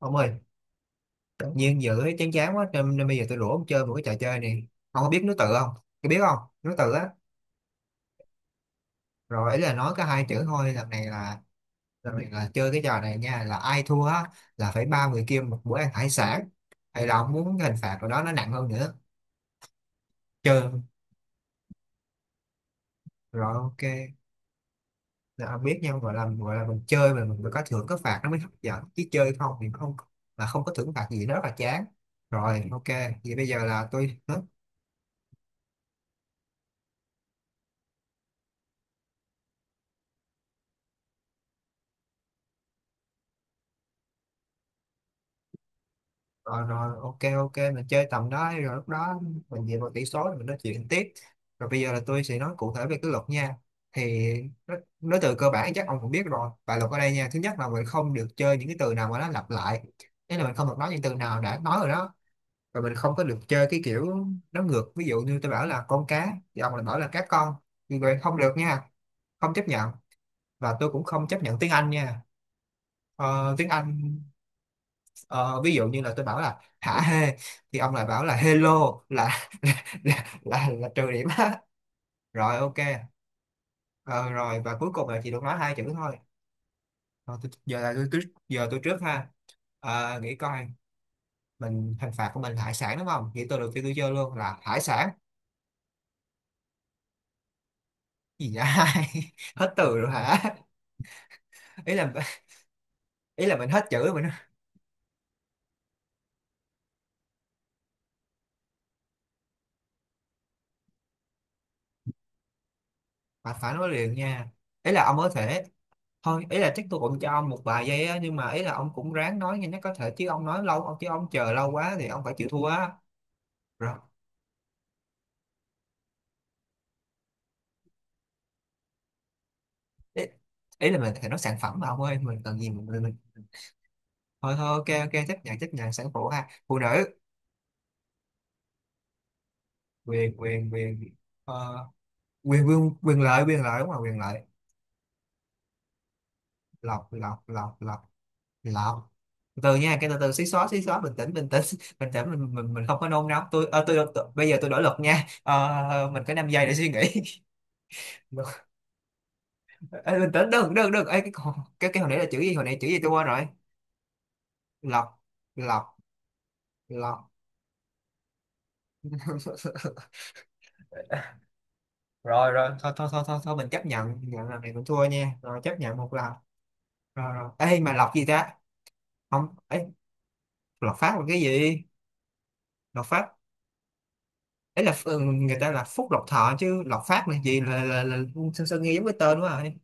Ông ơi, tự nhiên dự thấy chán chán quá nên bây giờ tôi rủ ông chơi một cái trò chơi này. Ông có biết nối tự không? Tôi biết không? Nối tự á. Rồi ấy là nói có hai chữ thôi, lần này là chơi cái trò này nha, là ai thua á là phải bao người kia một bữa ăn hải sản. Hay là ông muốn cái hình phạt của đó nó nặng hơn nữa. Chơi không? Rồi ok. Là ông biết nhau gọi là mình chơi mà mình phải có thưởng có phạt nó mới hấp dẫn, chứ chơi không thì không là không có thưởng phạt gì nó rất là chán. Rồi ok, vậy bây giờ là tôi. Rồi rồi, ok ok, mình chơi tầm đó đi, rồi lúc đó mình dựa vào tỷ số rồi mình nói chuyện tiếp. Rồi bây giờ là tôi sẽ nói cụ thể về cái luật nha. Thì nói từ cơ bản chắc ông cũng biết rồi, và luật ở đây nha, thứ nhất là mình không được chơi những cái từ nào mà nó lặp lại, nên là mình không được nói những từ nào đã nói rồi đó. Và mình không có được chơi cái kiểu nó ngược, ví dụ như tôi bảo là con cá thì ông lại bảo là cá con, như vậy không được nha, không chấp nhận. Và tôi cũng không chấp nhận tiếng Anh nha. Tiếng Anh. Ờ, ví dụ như là tôi bảo là hả hê, thì ông lại bảo là hello, là là trừ điểm á. Rồi ok. Ờ, rồi và cuối cùng là chỉ được nói hai chữ thôi. Rồi, tôi, giờ là tôi giờ tôi trước ha. Nghĩ coi, mình hình phạt của mình là hải sản đúng không, nghĩ từ đầu tiên tôi chơi luôn là hải sản. Gì vậy? Hết từ rồi hả? Ý là ý là mình hết chữ rồi mình phải phải nói liền nha. Ý là ông có thể, thôi ý là chắc tôi cũng cho ông một vài giây á, nhưng mà ý là ông cũng ráng nói nhanh nhất có thể, chứ ông nói lâu ông, chứ ông chờ lâu quá thì ông phải chịu thua á. Rồi ý, ý là mình phải nói sản phẩm mà ông ơi mình cần gì mình. Thôi thôi, ok ok, chấp nhận sản phụ ha, phụ nữ. Quyền quyền quyền. Ờ, quyền quyền quyền lợi, quyền lợi đúng không, quyền lợi. Lọc lọc lọc lọc. Lọc. Từ từ nha, cái từ từ, xí xóa xí xóa, bình tĩnh bình tĩnh. Bình tĩnh, mình không có nôn nóng. Tôi bây giờ tôi đổi luật nha. Ờ, mình có 5 giây để suy nghĩ. Ê, bình tĩnh, đừng đừng đừng. Ê, cái con- cái hồi nãy là chữ gì, hồi nãy chữ gì tôi quên rồi. Lọc. Lọc. Lọc. Rồi rồi, thôi thôi thôi thôi, thôi mình chấp nhận nhận lần này cũng thua nha, rồi chấp nhận một lần. Rồi rồi, ê, mà lọc gì ta. Không ấy. Lọc phát là cái gì? Lọc phát. Ấy là, người ta là phúc lộc thọ chứ lộc phát là gì, sơn, sao nghe giống cái tên quá rồi.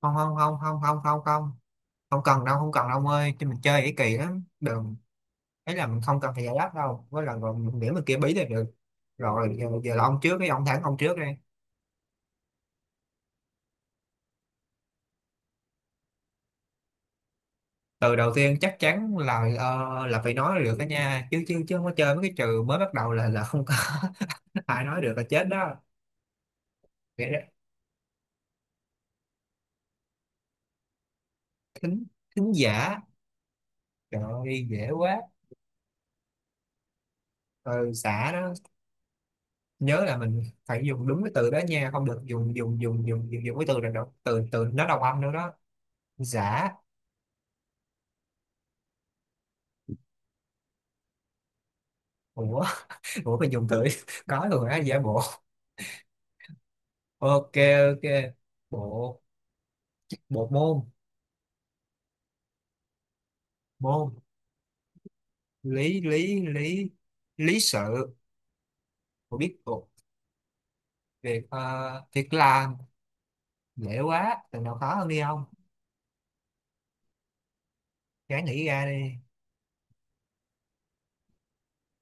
Không không không không không không không, không cần đâu, không cần đâu ông ơi, chứ mình chơi cái kỳ lắm, đừng. Thế là mình không cần phải giải đáp đâu, với là rồi mình điểm mình kia bí là được. Rồi giờ là ông trước, cái ông thẳng ông trước đây. Từ đầu tiên chắc chắn là, là phải nói được đó nha, chứ chứ chứ không có chơi mấy cái trừ mới bắt đầu là không có. Ai nói được là chết đó. Vậy đó. Thính. Thính giả. Trời ơi dễ quá. Ừ, xả đó. Nhớ là mình phải dùng đúng cái từ đó nha, không được dùng dùng dùng dùng dùng, dùng cái từ này đâu, từ từ nó đồng âm nữa đó. Giả. Ủa. Ủa mình dùng từ có rồi á, giả bộ. Ok. Ok. Bộ. Bộ môn. Môn. Lý lý lý. Lý sự. Tôi biết thuộc. Việc uh, việc làm. Dễ quá, từ nào khó hơn đi không, ráng nghĩ ra đi.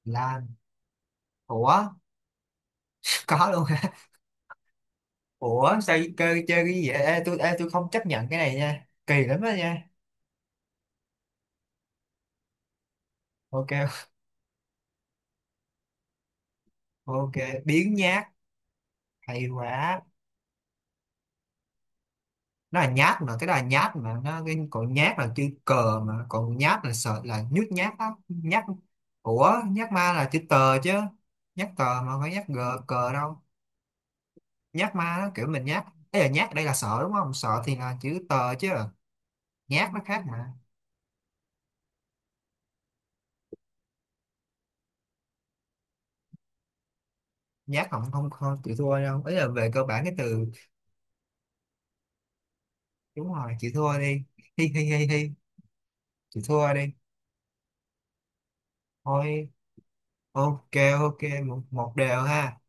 Làm. Ủa. Có luôn hả? Ủa sao chơi chơi cái gì vậy, ê, tôi không chấp nhận cái này nha, kỳ lắm đó nha. Ok. Ok. Biến nhát. Hay quá. Nó là nhát mà, cái đó là nhát mà, nó cái còn nhát là chữ cờ mà, còn nhát là sợ là nhút nhát á nhát. Ủa nhát ma là chữ tờ chứ, nhát tờ mà không phải nhát gờ cờ đâu. Nhát ma nó kiểu mình nhát. Ấy là nhát ở đây là sợ đúng không, sợ thì là chữ tờ chứ, nhát nó khác mà. Nhát. Không không không, chịu thua đâu, ấy là về cơ bản cái từ. Đúng rồi, chịu thua đi. Hi hi hi hi. Chịu thua đi. Thôi. Ok. Ok. Một, một đều ha.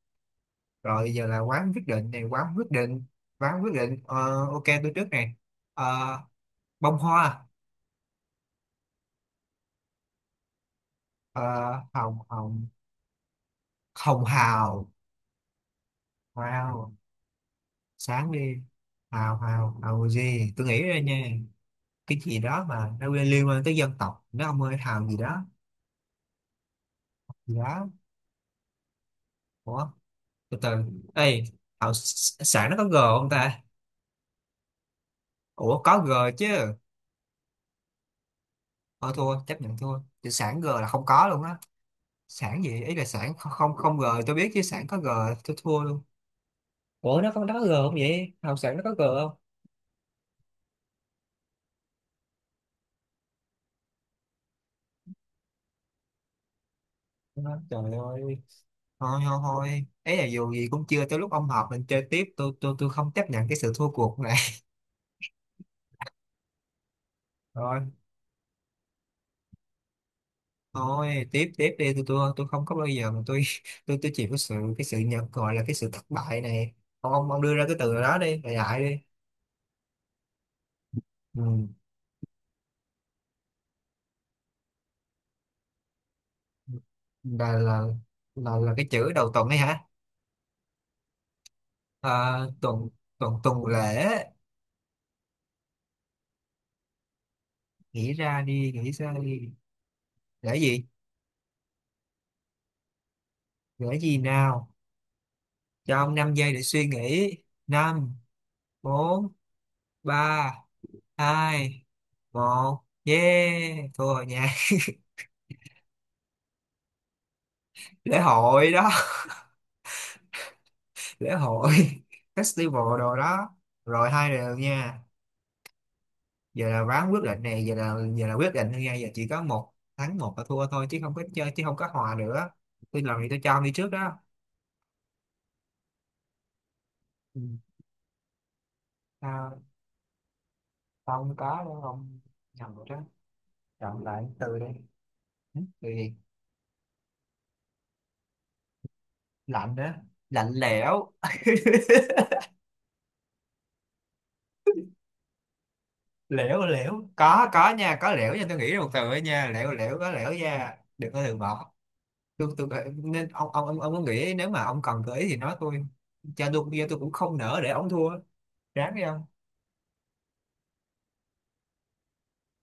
Rồi bây giờ là quán quyết định này quán quyết định quán quyết định. Ờ, ok tôi trước này. Ờ, bông hoa. Ờ, hồng hồng hồng hào. Wow. Sáng đi. Hào hào hào gì tôi nghĩ ra nha, cái gì đó mà nó liên liên quan tới dân tộc nó, ông ơi hào gì đó. Gì đó. Ủa. Từ từ. Ê hào sản nó có g không ta. Ủa có g chứ. Thôi thua, chấp nhận thua, chữ sản g là không có luôn á. Sản gì, ý là sản không, không g tôi biết chứ sản có g. Tôi thua luôn. Ủa nó có g không vậy, học sản nó có g không. Đó, trời ơi thôi. Thôi thôi ấy là dù gì cũng chưa tới lúc ông họp, mình chơi tiếp, tôi không chấp nhận cái sự thua cuộc này. Thôi thôi, tiếp tiếp đi, tôi không có bao giờ mà tôi tôi chịu cái sự nhận, gọi là cái sự thất bại này. Ông đưa ra cái từ đó đi, đại đại đi. Ừ. là là là cái chữ đầu tuần ấy hả. À, tuần tuần tuần lễ. Nghĩ ra đi, nghĩ ra đi. Gửi gì? Gửi gì nào? Cho ông 5 giây để suy nghĩ. Năm. Bốn. Ba. Hai. Một, yeah thua rồi nha. Lễ hội đó. Lễ hội. Festival đồ đó. Rồi hai đều nha. Giờ là ván quyết định này, giờ là quyết định thôi nha, giờ chỉ có một thắng một là thua thôi, chứ không có chơi, chứ không có hòa nữa. Tôi làm gì, tôi cho ông đi trước đó. Ừ. À, không có đâu ông. Nhầm rồi đó. Chọn lại từ đây. Ừ, từ gì. Lạnh đó. Lạnh lẽo. Lẽo lẽo có nha, có lẽo nha, tôi nghĩ ra một từ ấy nha, lẽo lẽo có lẽo nha, đừng có từ bỏ. Tôi nên ông có nghĩ nếu mà ông cần gợi ý thì nói tôi, cho tôi giờ tôi cũng không nỡ để ông thua. Ráng đi ông.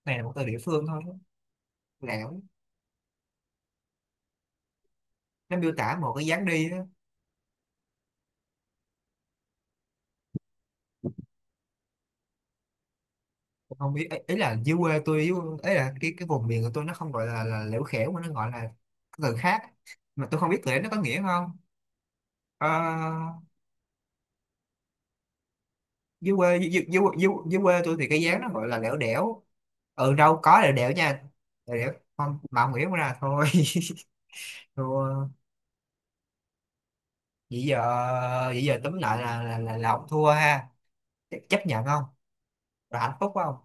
Này là một từ địa phương thôi. Lẽo. Nó miêu tả một cái dáng đi đó. Tôi không biết ý là dưới quê tôi ý là cái vùng miền của tôi nó không gọi là lẽo khẽo, mà nó gọi là cái từ khác mà tôi không biết từ đấy nó có nghĩa không. Ờ, dưới quê dưới, dưới, dưới, dưới quê tôi thì cái giá nó gọi là lẻo đẻo. Ừ đâu có lẻo đẻo nha. Lẻo đẻo không mà ông nghĩ ra thôi. Thua. Vậy giờ vậy giờ túm lại là ông thua ha. Chấp nhận không? Rồi hạnh phúc không?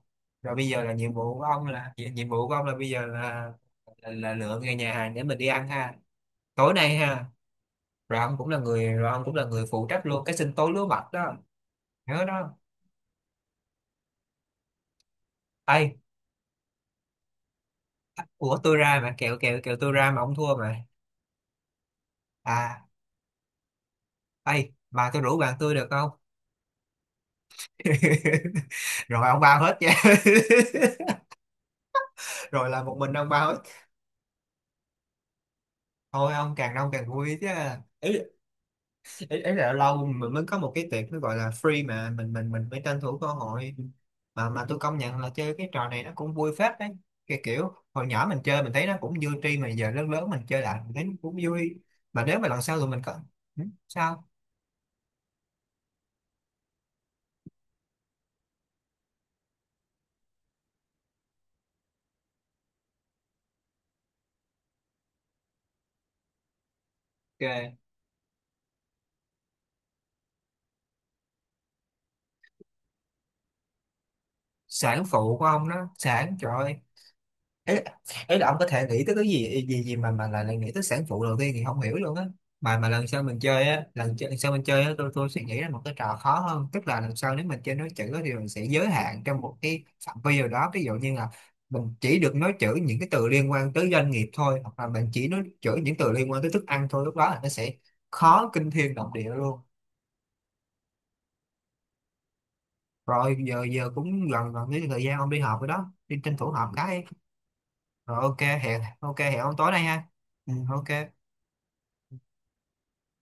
Rồi bây giờ là nhiệm vụ của ông, là nhiệm nhiệm vụ của ông là bây giờ là là lựa cái nhà hàng để mình đi ăn ha, tối nay ha. Rồi ông cũng là người rồi ông cũng là người phụ trách luôn cái sinh tố lúa mạch đó. Nhớ đó. Ê, ủa tôi ra mà kẹo kẹo kẹo, tôi ra mà ông thua mà. À. Ê, bà tôi rủ bạn tôi được không? Rồi ông bao hết nha. Rồi là một mình ông bao hết. Thôi ông càng đông càng vui chứ. Ý, ý là lâu mình mới có một cái tiệc nó gọi là free mà mình phải tranh thủ cơ hội. Mà tôi công nhận là chơi cái trò này nó cũng vui phết đấy. Cái kiểu hồi nhỏ mình chơi mình thấy nó cũng vui tri, mà giờ lớn lớn mình chơi lại mình thấy nó cũng vui. Mà nếu mà lần sau tụi mình có. Ừ, sao? Kìa. Sản phụ của ông đó, sản trời ơi, ấy ấy là ông có thể nghĩ tới cái gì gì gì mà lại lại nghĩ tới sản phụ đầu tiên thì không hiểu luôn á. Mà lần sau mình chơi á, lần sau mình chơi á tôi suy nghĩ ra một cái trò khó hơn, tức là lần sau nếu mình chơi nói chữ á, thì mình sẽ giới hạn trong một cái phạm vi nào đó, ví dụ như là mình chỉ được nói chữ những cái từ liên quan tới doanh nghiệp thôi, hoặc là mình chỉ nói chữ những từ liên quan tới thức ăn thôi, lúc đó là nó sẽ khó kinh thiên động địa luôn. Rồi giờ giờ cũng gần gần cái thời gian ông đi họp rồi đó, đi tranh thủ họp cái. Rồi ok hẹn ông tối nay ha. Ừ, ok.